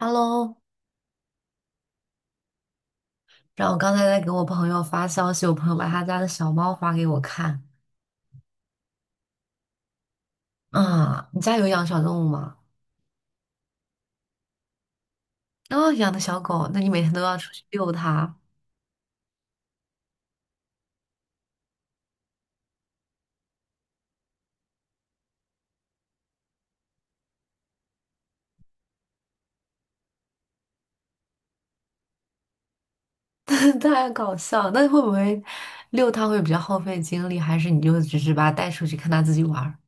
Hello，然后我刚才在给我朋友发消息，我朋友把他家的小猫发给我看。啊，你家有养小动物吗？哦，养的小狗，那你每天都要出去遛它，太搞笑。那会不会遛它会比较耗费精力，还是你就只是把它带出去看它自己玩儿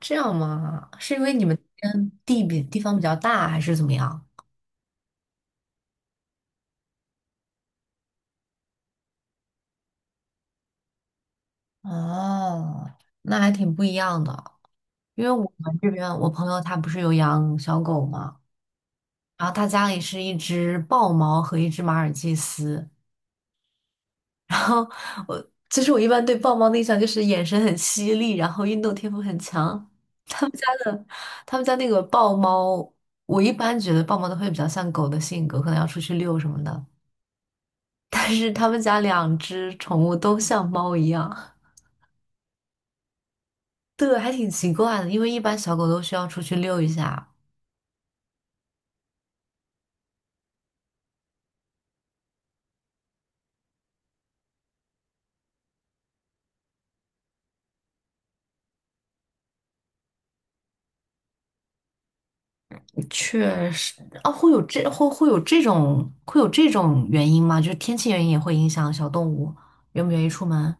这样吗？是因为你们那边地比地方比较大，还是怎么样？哦，那还挺不一样的。因为我们这边，我朋友他不是有养小狗吗？然后他家里是一只豹猫和一只马尔济斯。然后我其实我一般对豹猫的印象就是眼神很犀利，然后运动天赋很强。他们家的他们家那个豹猫，我一般觉得豹猫都会比较像狗的性格，可能要出去遛什么的。但是他们家两只宠物都像猫一样，对，还挺奇怪的，因为一般小狗都需要出去遛一下，确实，啊，会有这种原因吗？就是天气原因也会影响小动物愿不愿意出门。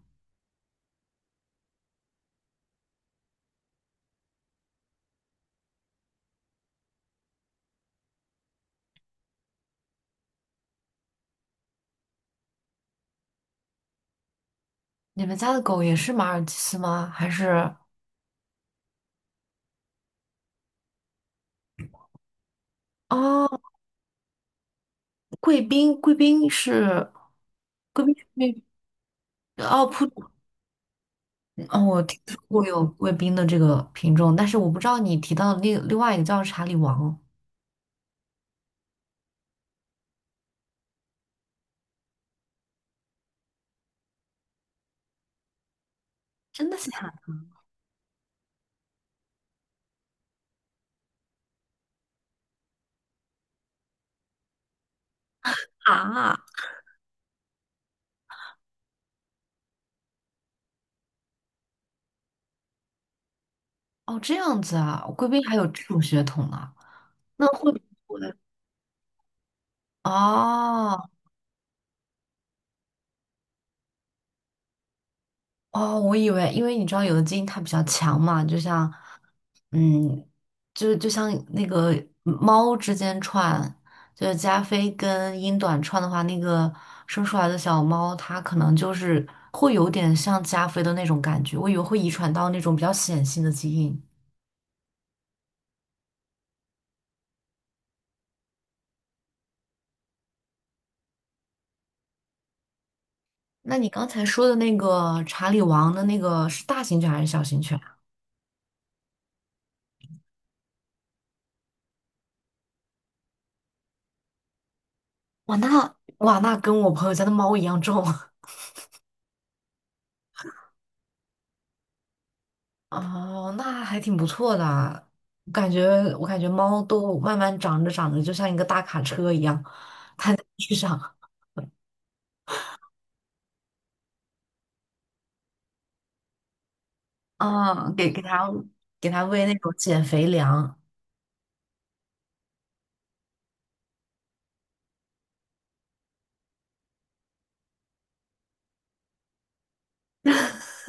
你们家的狗也是马尔济斯吗？还是啊，贵宾贵宾是贵宾是那哦扑哦，我听说过有贵宾的这个品种，但是我不知道你提到的另外一个叫查理王，真的假的啊？哦，这样子啊，贵宾还有这种血统呢、那会不会？哦哦，我以为，因为你知道有的基因它比较强嘛，就像，嗯，就像那个猫之间串，就是加菲跟英短串的话，那个生出来的小猫，它可能就是会有点像加菲的那种感觉，我以为会遗传到那种比较显性的基因。那你刚才说的那个查理王的那个是大型犬还是小型犬啊？哇，那哇那跟我朋友家的猫一样重。哦，那还挺不错的啊。我感觉，我感觉猫都慢慢长着长着，就像一个大卡车一样，摊在 地上。啊，给它喂那种减肥粮，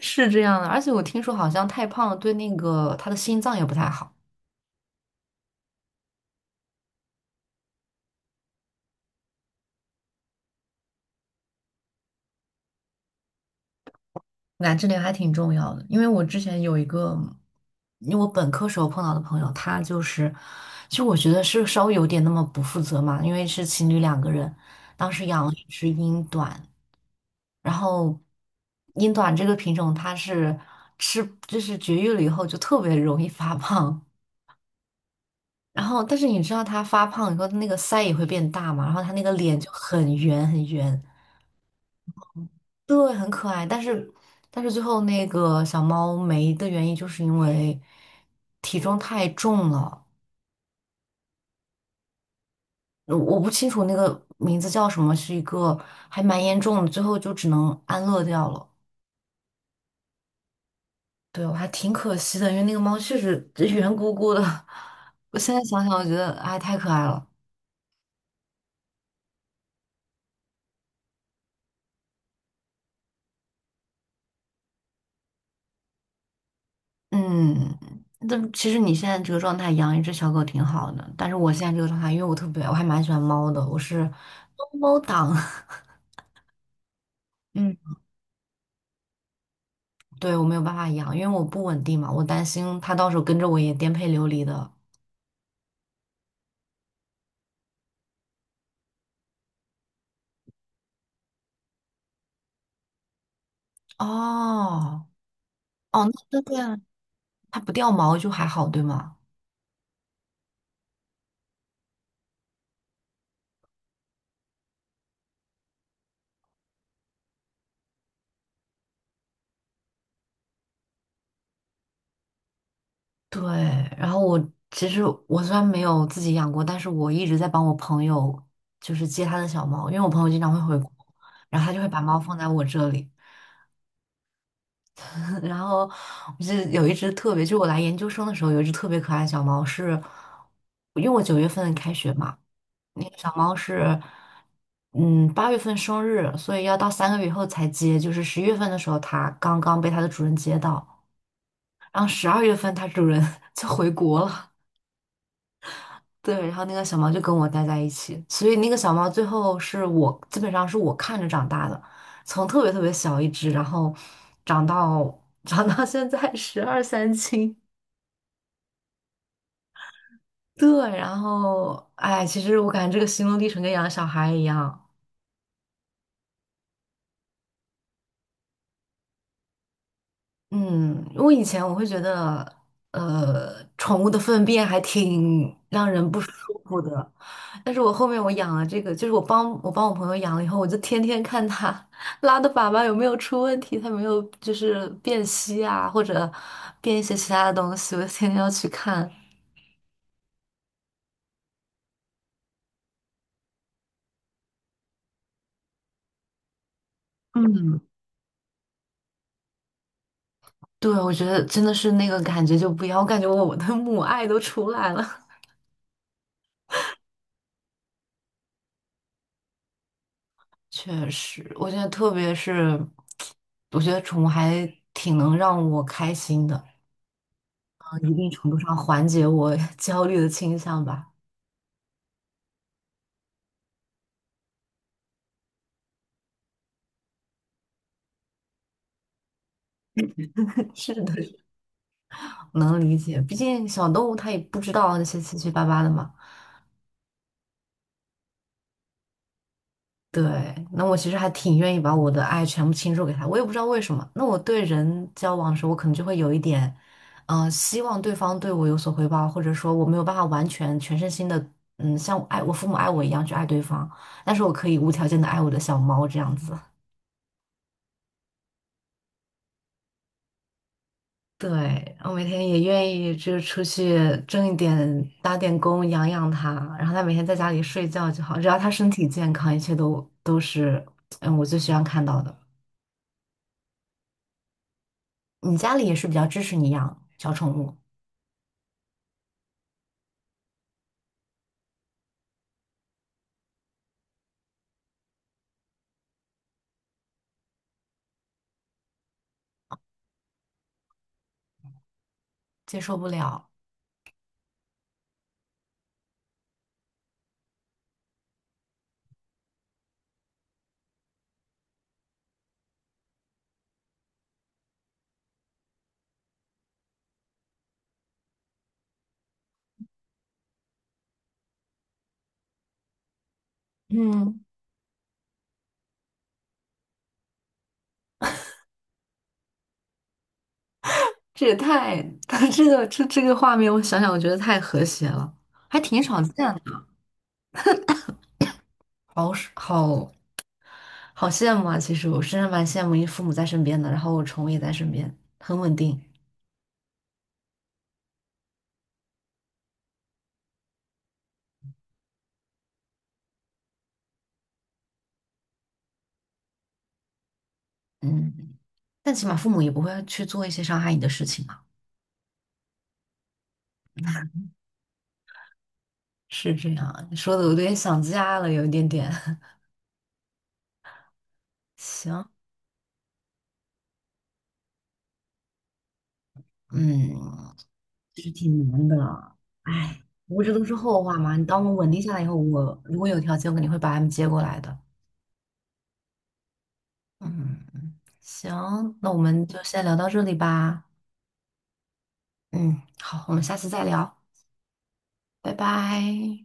是这样的。而且我听说好像太胖了，对那个它的心脏也不太好。那这点还挺重要的，因为我之前有一个，因为我本科时候碰到的朋友，他就是，其实我觉得是稍微有点那么不负责嘛，因为是情侣两个人，当时养了一只英短。然后英短这个品种它是吃，就是绝育了以后就特别容易发胖。然后，但是你知道它发胖以后，它那个腮也会变大嘛，然后它那个脸就很圆很圆，对，很可爱。但是，但是最后那个小猫没的原因，就是因为体重太重了。我不清楚那个名字叫什么，是一个还蛮严重的，最后就只能安乐掉了。对，我还挺可惜的，因为那个猫确实圆鼓鼓的。我现在想想，我觉得哎，太可爱了。嗯，但其实你现在这个状态养一只小狗挺好的，但是我现在这个状态，因为我特别，我还蛮喜欢猫的，我是猫猫党。嗯，对，我没有办法养，因为我不稳定嘛，我担心它到时候跟着我也颠沛流离的。哦，哦，那那对啊，它不掉毛就还好，对吗？对，然后我其实我虽然没有自己养过，但是我一直在帮我朋友，就是接他的小猫，因为我朋友经常会回国，然后他就会把猫放在我这里。然后我记得有一只特别，就我来研究生的时候，有一只特别可爱的小猫是，因为我9月份开学嘛，那个小猫是，嗯，8月份生日，所以要到3个月以后才接，就是11月份的时候，它刚刚被它的主人接到，然后12月份它主人 就回国了。对，然后那个小猫就跟我待在一起，所以那个小猫最后是我基本上是我看着长大的，从特别特别小一只，然后长到长到现在十二三斤。对，然后哎，其实我感觉这个心路历程跟养小孩一样。嗯，我以前我会觉得，宠物的粪便还挺让人不舒服的，但是我后面我养了这个，就是我帮我朋友养了以后，我就天天看它拉的粑粑有没有出问题，它没有就是变稀啊，或者变一些其他的东西，我天天要去看。嗯，对，我觉得真的是那个感觉就不一样，我感觉我的母爱都出来了。确实，我觉得特别是，我觉得宠物还挺能让我开心的，一定程度上缓解我 焦虑的倾向吧。是的，能理解，毕竟小动物它也不知道那些七七八八的嘛。对，那我其实还挺愿意把我的爱全部倾注给他，我也不知道为什么。那我对人交往的时候，我可能就会有一点，希望对方对我有所回报，或者说我没有办法完全全身心的，嗯，像我爱我父母爱我一样去爱对方，但是我可以无条件的爱我的小猫这样子。对，我每天也愿意就是出去挣一点，打点工养养它，然后它每天在家里睡觉就好，只要它身体健康，一切都是，嗯，我最希望看到的。你家里也是比较支持你养小宠物，接受不了。嗯，这也太，这个画面，我想想，我觉得太和谐了，还挺少见的，好是好好羡慕啊！其实我真的蛮羡慕，因为父母在身边的，然后我宠物也在身边，很稳定。嗯，但起码父母也不会去做一些伤害你的事情嘛。是这样，你说的我有点想家了，有一点点。行，嗯，是挺难的，哎，不过这都是后话嘛。你当我稳定下来以后，我如果有条件，我肯定会把他们接过来的。嗯，行，那我们就先聊到这里吧。嗯，好，我们下次再聊，拜拜。